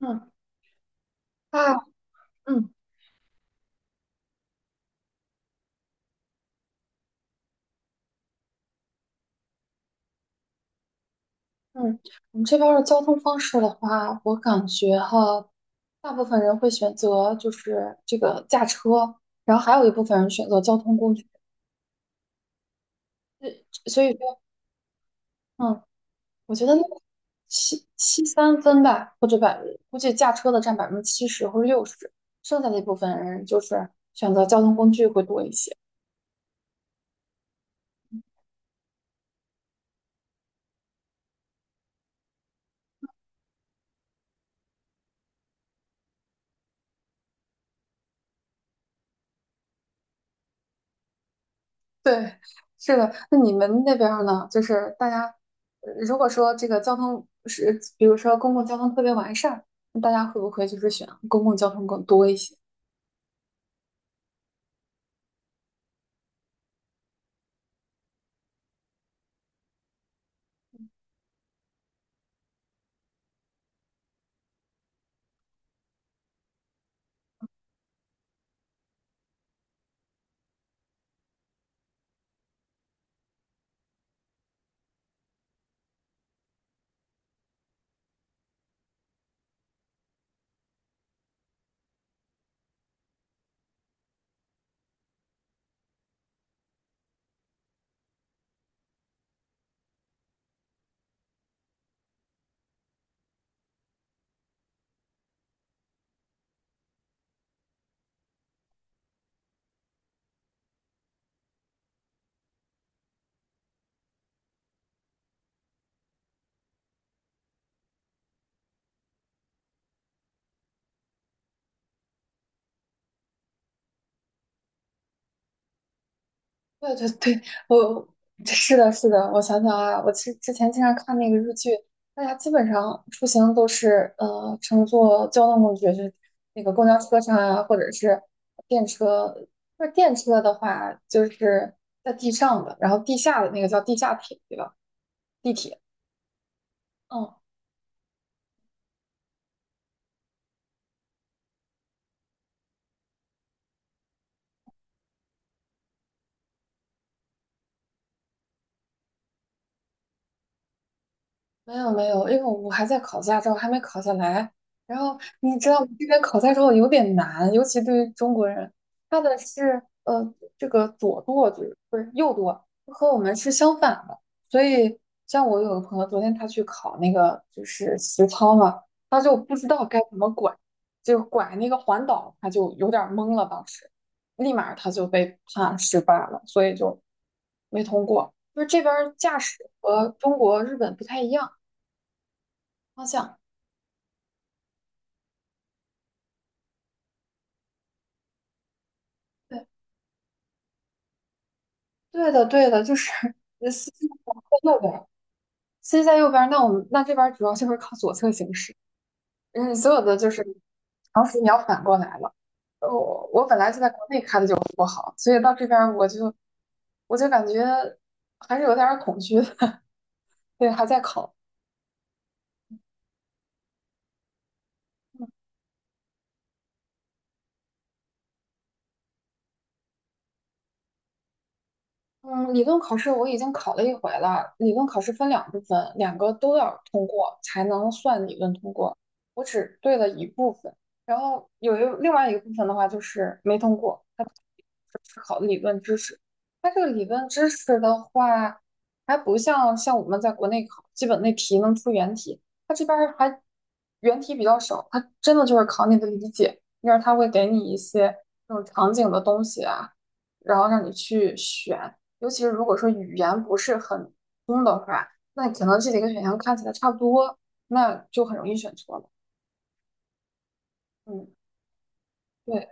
嗯啊，嗯嗯，我们这边儿的交通方式的话，我感觉哈，大部分人会选择就是这个驾车，然后还有一部分人选择交通工具。所以说，嗯，我觉得那个七三分吧，或者百，估计驾车的占70%或者60%，剩下的一部分人就是选择交通工具会多一些。对，是的。那你们那边儿呢？就是大家，如果说这个交通是，比如说公共交通特别完善，那大家会不会就是选公共交通更多一些？对对对，我是的，是的。我想想啊，我之前经常看那个日剧，大家基本上出行都是乘坐交通工具，就是那个公交车上啊，或者是电车。那电车的话，就是在地上的，然后地下的那个叫地下铁，对吧？地铁。嗯。没有没有，因为我还在考驾照，还没考下来。然后你知道这边考驾照有点难，尤其对于中国人，他的是这个左舵就是不是右舵，和我们是相反的。所以像我有个朋友，昨天他去考那个就是实操嘛，他就不知道该怎么拐，就拐那个环岛，他就有点儿懵了，当时立马他就被判失败了，所以就没通过。就是这边儿驾驶和中国、日本不太一样。方向。对，对的，对的，就是呃司机在右边儿司机在右边儿。那我们那这边儿主要就是靠左侧行驶，嗯，所有的就是常识你要反过来了。我本来就在国内开的就不好，所以到这边儿我就感觉还是有点儿恐惧的，对，还在考。嗯，理论考试我已经考了一回了。理论考试分两部分，两个都要通过才能算理论通过。我只对了一部分，然后另外一个部分的话就是没通过，它考的理论知识。它这个理论知识的话，还不像我们在国内考基本那题能出原题，它这边儿还原题比较少，它真的就是考你的理解，因为它会给你一些这种场景的东西啊。然后让你去选，尤其是如果说语言不是很通的话，那可能这几个选项看起来差不多，那就很容易选错了。嗯，对，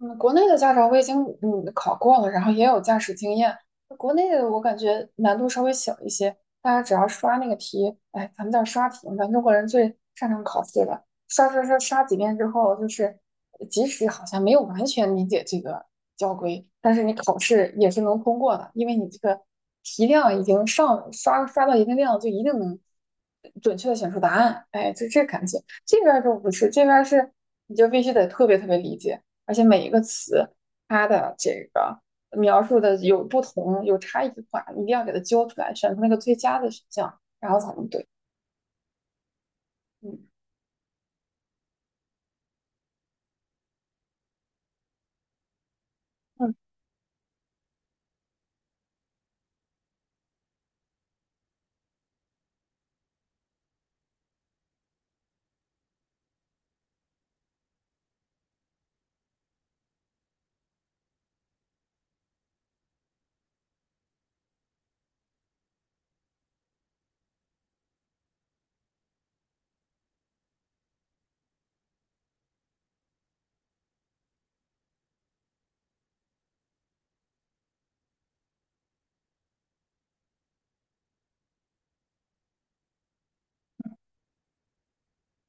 嗯，国内的驾照我已经嗯考过了，然后也有驾驶经验。国内的我感觉难度稍微小一些，大家只要刷那个题，哎，咱们叫刷题咱中国人最擅长考试了。刷刷刷刷几遍之后，就是即使好像没有完全理解这个交规，但是你考试也是能通过的，因为你这个题量已经上刷刷到一定量，就一定能准确的选出答案。哎，就这感觉。这边儿就不是，这边儿是你就必须得特别特别理解。而且每一个词它的这个描述的有不同，有差异化，一定要给它揪出来，选出那个最佳的选项，然后才能对。嗯嗯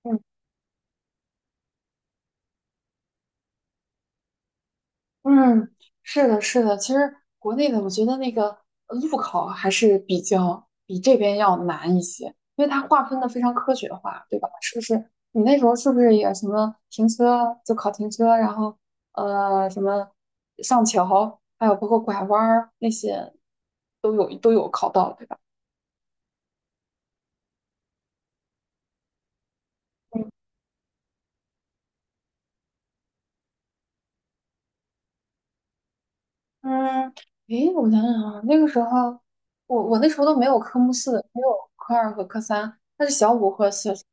嗯，嗯，是的，是的。其实国内的，我觉得那个路考还是比较比这边要难一些，因为它划分的非常科学化，对吧？是不是？你那时候是不是也什么停车就考停车，然后什么上桥，还有包括拐弯儿那些都有考到，对吧？嗯，诶，我想想啊，那个时候，我那时候都没有科目四，没有科二和科三，那是小五和小四，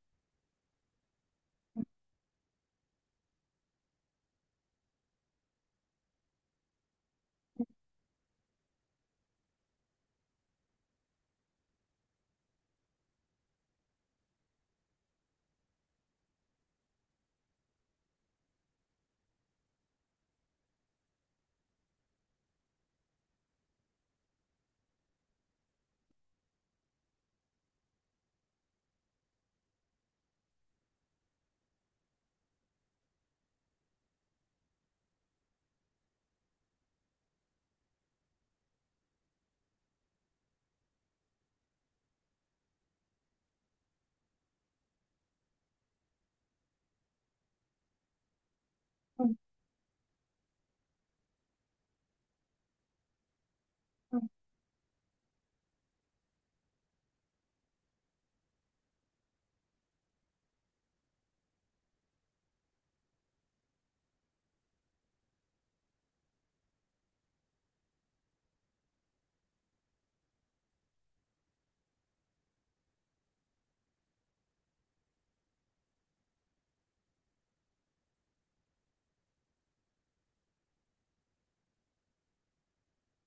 嗯嗯，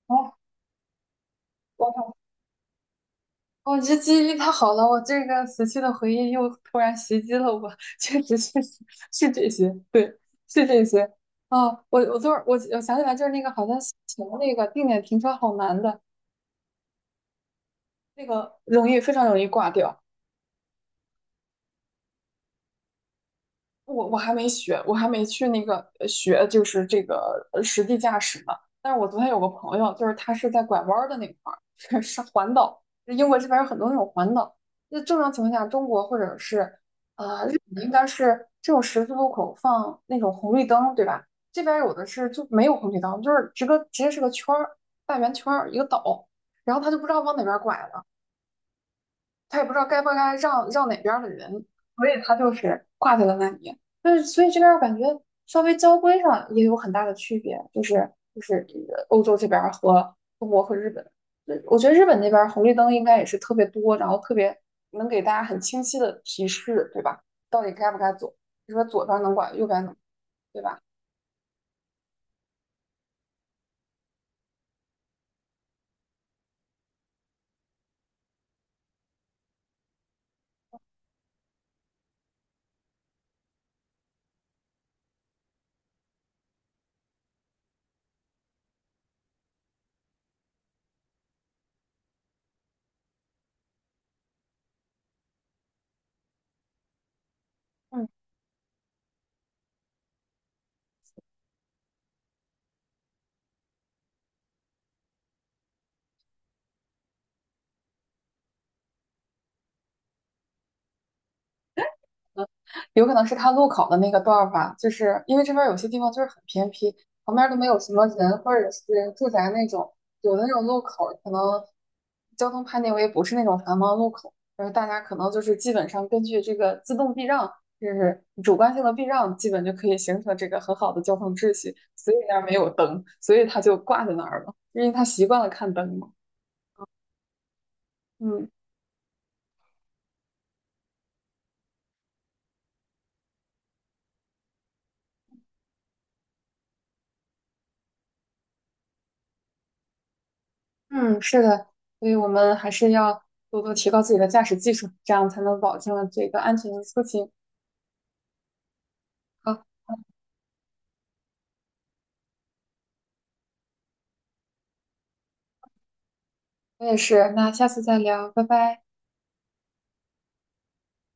好，我这记忆力太好了，我这个死去的回忆又突然袭击了我，确实确实是这些，对，是这些。啊，我我昨儿我想起来，就是那个好像以前那个定点停车好难的，那个容易非常容易挂掉。我还没学，我还没去那个学，就是这个实地驾驶呢。但是我昨天有个朋友，就是他是在拐弯儿的那块儿，是环岛，英国这边有很多那种环岛。那正常情况下，中国或者是啊、日本应该是这种十字路口放那种红绿灯，对吧？这边有的是就没有红绿灯，就是直个直接是个圈儿，大圆圈儿一个岛，然后他就不知道往哪边拐了。他也不知道该不该让哪边的人，所以他就是挂在了那里。但是，所以这边我感觉稍微交规上也有很大的区别，就是欧洲这边和中国和日本，我觉得日本那边红绿灯应该也是特别多，然后特别能给大家很清晰的提示，对吧？到底该不该走？你说左边能管，右边能，对吧？嗯，有可能是他路口的那个段儿吧，就是因为这边有些地方就是很偏僻，旁边都没有什么人或者是住宅那种，有的那种路口可能交通判定为不是那种繁忙路口，然后大家可能就是基本上根据这个自动避让，就是主观性的避让，基本就可以形成这个很好的交通秩序，所以那儿没有灯，所以他就挂在那儿了，因为他习惯了看灯嘛，嗯。嗯，是的，所以我们还是要多多提高自己的驾驶技术，这样才能保证这个安全的出行。好，我也是，那下次再聊，拜拜。